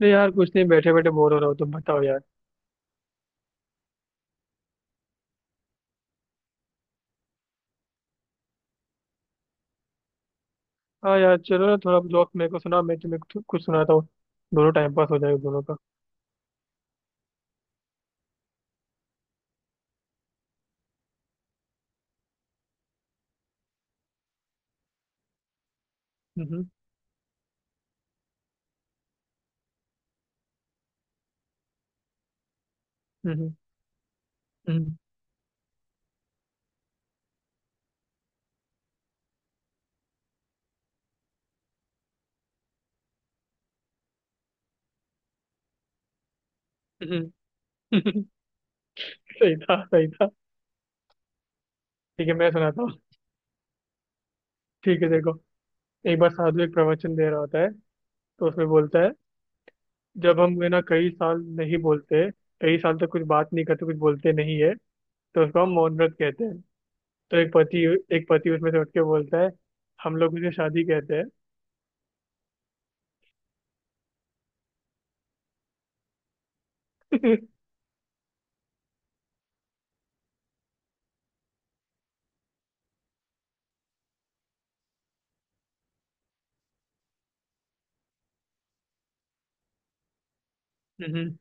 नहीं यार, कुछ नहीं, बैठे बैठे बोर हो रहा हूँ। तुम बताओ यार। हाँ यार, चलो ना, थोड़ा जोक मेरे को सुना। मैं तुम्हें कुछ कुछ सुनाता हूँ। दोनों टाइम पास हो जाएगा, दोनों का। हम्म। हम्म। हम्म। हम्म। सही था। सही था। ठीक है, मैं सुनाता हूँ। ठीक है, देखो। एक बार साधु एक प्रवचन दे रहा होता है। तो उसमें बोलता है, जब हम है ना कई साल नहीं बोलते, कई साल तक कुछ बात नहीं करते, कुछ बोलते नहीं है, तो उसको हम मौन व्रत कहते हैं। तो एक पति, एक पति उसमें से उठ के बोलता है, हम लोग उसे शादी कहते हैं। हम्म।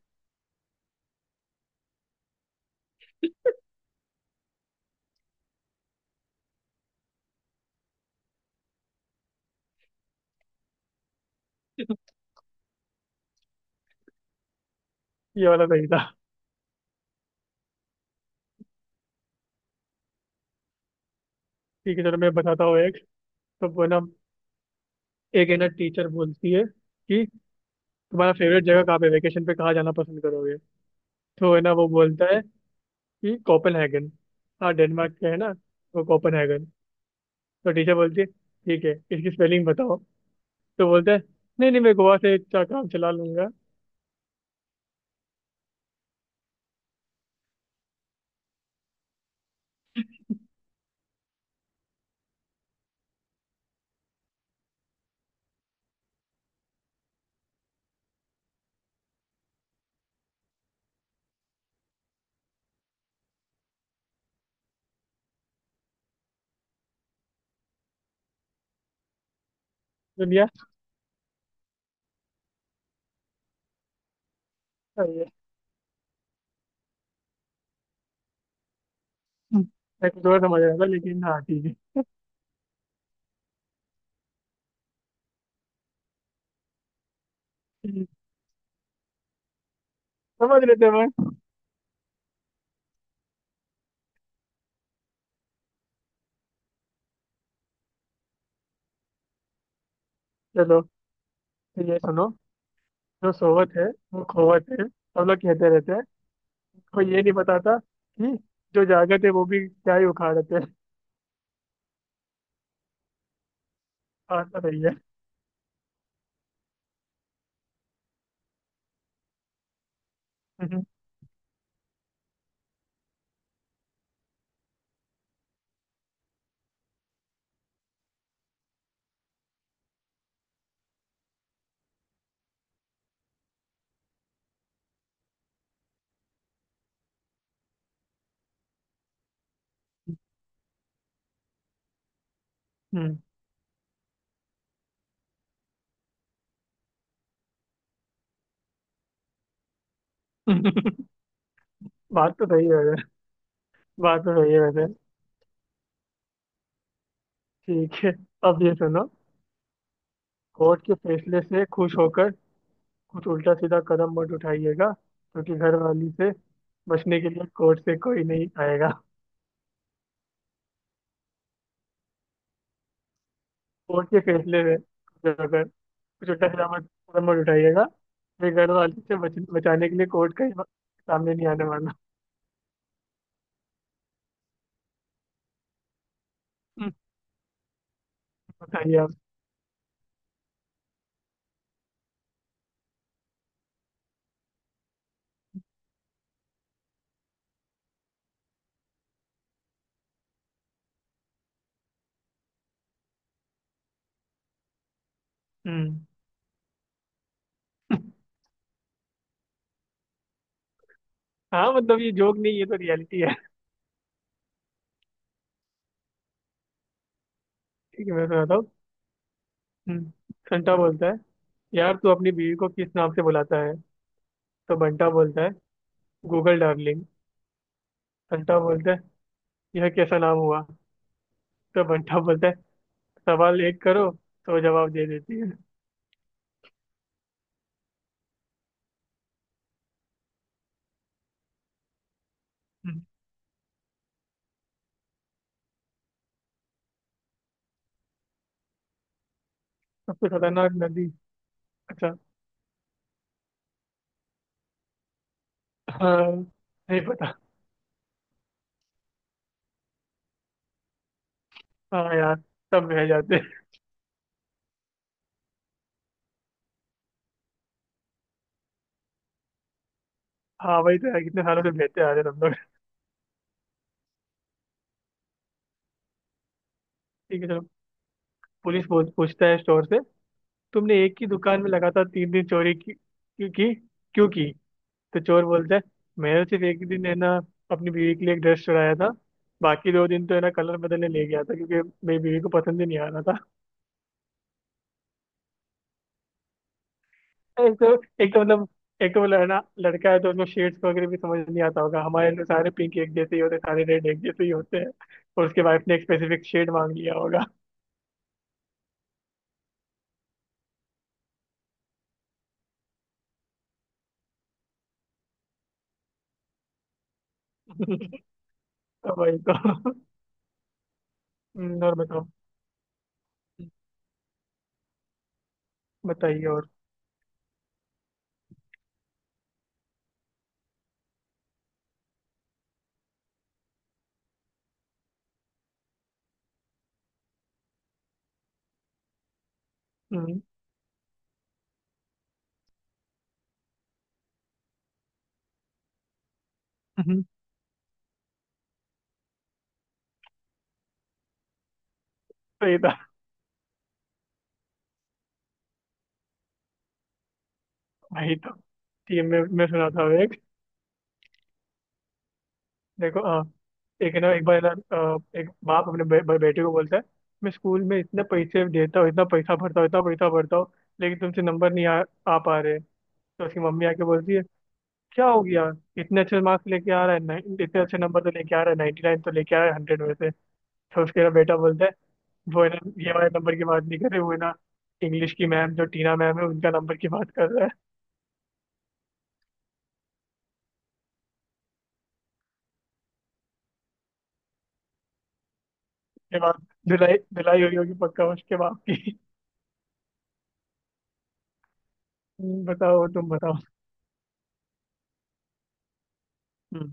ये वाला सही था। ठीक है, चलो, मैं बताता हूँ एक। तो वो ना, एक है ना टीचर बोलती है कि तुम्हारा फेवरेट जगह कहाँ पे, वेकेशन पे कहाँ जाना पसंद करोगे? तो है ना वो बोलता है कि कोपेनहेगन। हाँ, डेनमार्क का है ना, वो कोपेनहेगन। तो टीचर बोलती है, ठीक है, इसकी स्पेलिंग बताओ। तो बोलता है, नहीं नहीं, मैं गोवा से इतना काम चला लूंगा। दुनिया सही है। हम्म। मैं कुछ और समझ रहा था, लेकिन हाँ, ठीक है। समझ लेते हैं मैं। चलो, तो ये सुनो। जो सोवत है वो खोवत है, सब लोग कहते रहते हैं। कोई ये नहीं बताता कि जो जागत है वो भी क्या ही उखाड़ते हैं। बात तो सही है। हम्म। हम्म। बात तो सही है वैसे। बात तो सही है वैसे। ठीक है, अब ये सुनो। कोर्ट के फैसले से खुश होकर कुछ उल्टा सीधा कदम मत उठाइएगा, क्योंकि घर वाली से बचने के लिए कोर्ट से कोई नहीं आएगा। कोर्ट के फैसले से खुश होकर कुछ उल्टा सीधा मत, कदम मत उठाइएगा, फिर घर वाली से बचाने के लिए कोर्ट का ही सामने नहीं आने वाला। हम्म। बताइए आप। हम्म। हाँ, मतलब ये जोक नहीं, ये तो रियलिटी है। ठीक है, मैं सुनाता हूँ। हम्म। संता बोलता है, यार तू अपनी बीवी को किस नाम से बुलाता है? तो बंटा बोलता है, गूगल डार्लिंग। बंटा बोलता है, यह कैसा नाम हुआ? तो बंटा बोलता है, सवाल एक करो तो जवाब दे देती है। हम्म। सबसे खतरनाक नदी। अच्छा। हाँ। नहीं पता। हाँ यार, सब बह जाते हैं। हाँ, वही तो यार, कितने सालों से बहते आ रहे हैं हम लोग। ठीक है, चलो। पुलिस पूछता है स्टोर से, तुमने एक ही दुकान में लगातार 3 दिन चोरी की, क्यों की? क्यों की? तो चोर बोलता है, मैंने सिर्फ एक दिन है ना अपनी बीवी के लिए एक ड्रेस चुराया था, बाकी 2 दिन तो है ना कलर बदलने ले गया था, क्योंकि मेरी बीवी को पसंद ही नहीं आ रहा था। एक तो एक तो मतलब एक तो मतलब है ना, लड़का है तो उसको शेड्स वगैरह भी समझ नहीं आता होगा। हमारे तो सारे पिंक एक जैसे ही होते हैं, सारे रेड एक जैसे ही होते हैं। और उसके वाइफ ने एक स्पेसिफिक शेड मांग लिया होगा। तो भाई तो, और बताओ। बताइए और। हम्म। हम्म। तो ये था। भाई तो, ठीक है, मैं सुनाता हूँ एक। देखो, एक ना, एक बार ना, एक बाप अपने बे, बे- बेटे को बोलता है, मैं स्कूल में इतने पैसे देता हूँ, इतना पैसा भरता हूँ, इतना पैसा भरता हूँ, लेकिन तुमसे नंबर नहीं आ पा रहे। तो उसकी मम्मी आके बोलती है, क्या हो गया? इतने अच्छे मार्क्स लेके आ रहा है, इतने अच्छे नंबर तो लेके आ रहा है, 99 तो लेके आ रहा है 100 में से। तो उसके ना बेटा बोलता है, वो है ना, ये वाले नंबर की बात नहीं कर रहे, वो है ना इंग्लिश की मैम जो टीना मैम है, उनका नंबर की बात कर रहा है। ये बात। धुलाई धुलाई हुई होगी पक्का उसके बाप की। हम्म। बताओ, तुम बताओ। हम्म।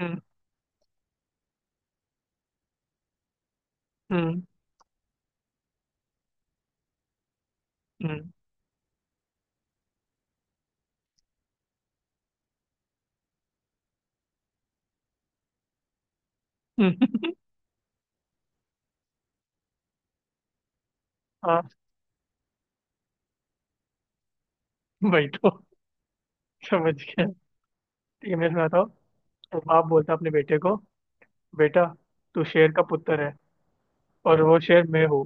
हम्म। हम्म। हम्म। हम्म। हाँ, भाई तो समझ गया। ठीक है, मैं सुनाता हूँ। तो बाप बोलता है अपने बेटे को, बेटा, तू शेर का पुत्र है और वो शेर मैं हूँ।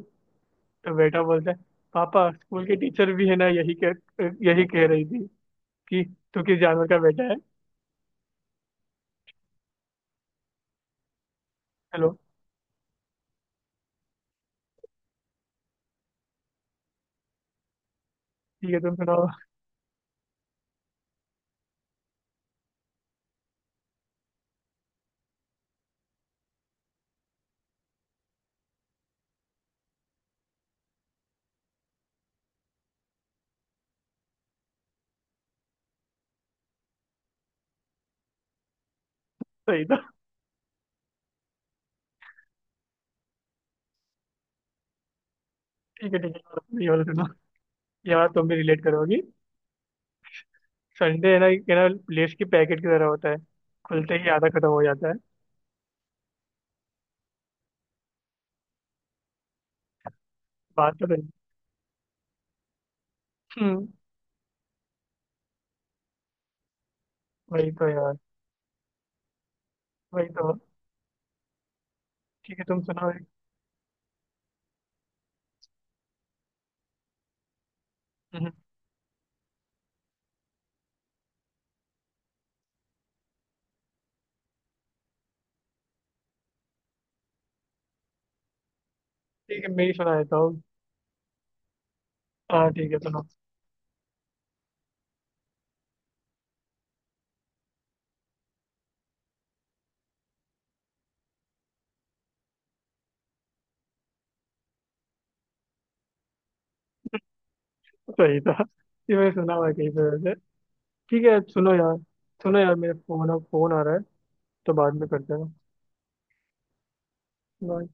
तो बेटा बोलता है, पापा स्कूल की टीचर भी है ना, यही कह रही थी कि तू किस जानवर का बेटा है। चलो। ठीक है, तुम सुनाओ। सही था। ठीक है, ठीक है, और ये वाला सुनो। ये वाला तुम भी रिलेट करोगी। संडे है ना, ये ना लेस की पैकेट की तरह होता है, खुलते ही आधा खत्म हो जाता है। बात तो सही। हम्म। वही तो यार, वही तो। ठीक है, तुम सुनाओ एक। हम्म। ठीक है, मैं ही सुना देता हूँ। हाँ, ठीक है, सुनो। सही था, ये मैंने सुना हुआ है कहीं पे वैसे। ठीक है, सुनो यार। सुनो यार, मेरे फोन फोन आ रहा है, तो बाद में करते हैं। बाय।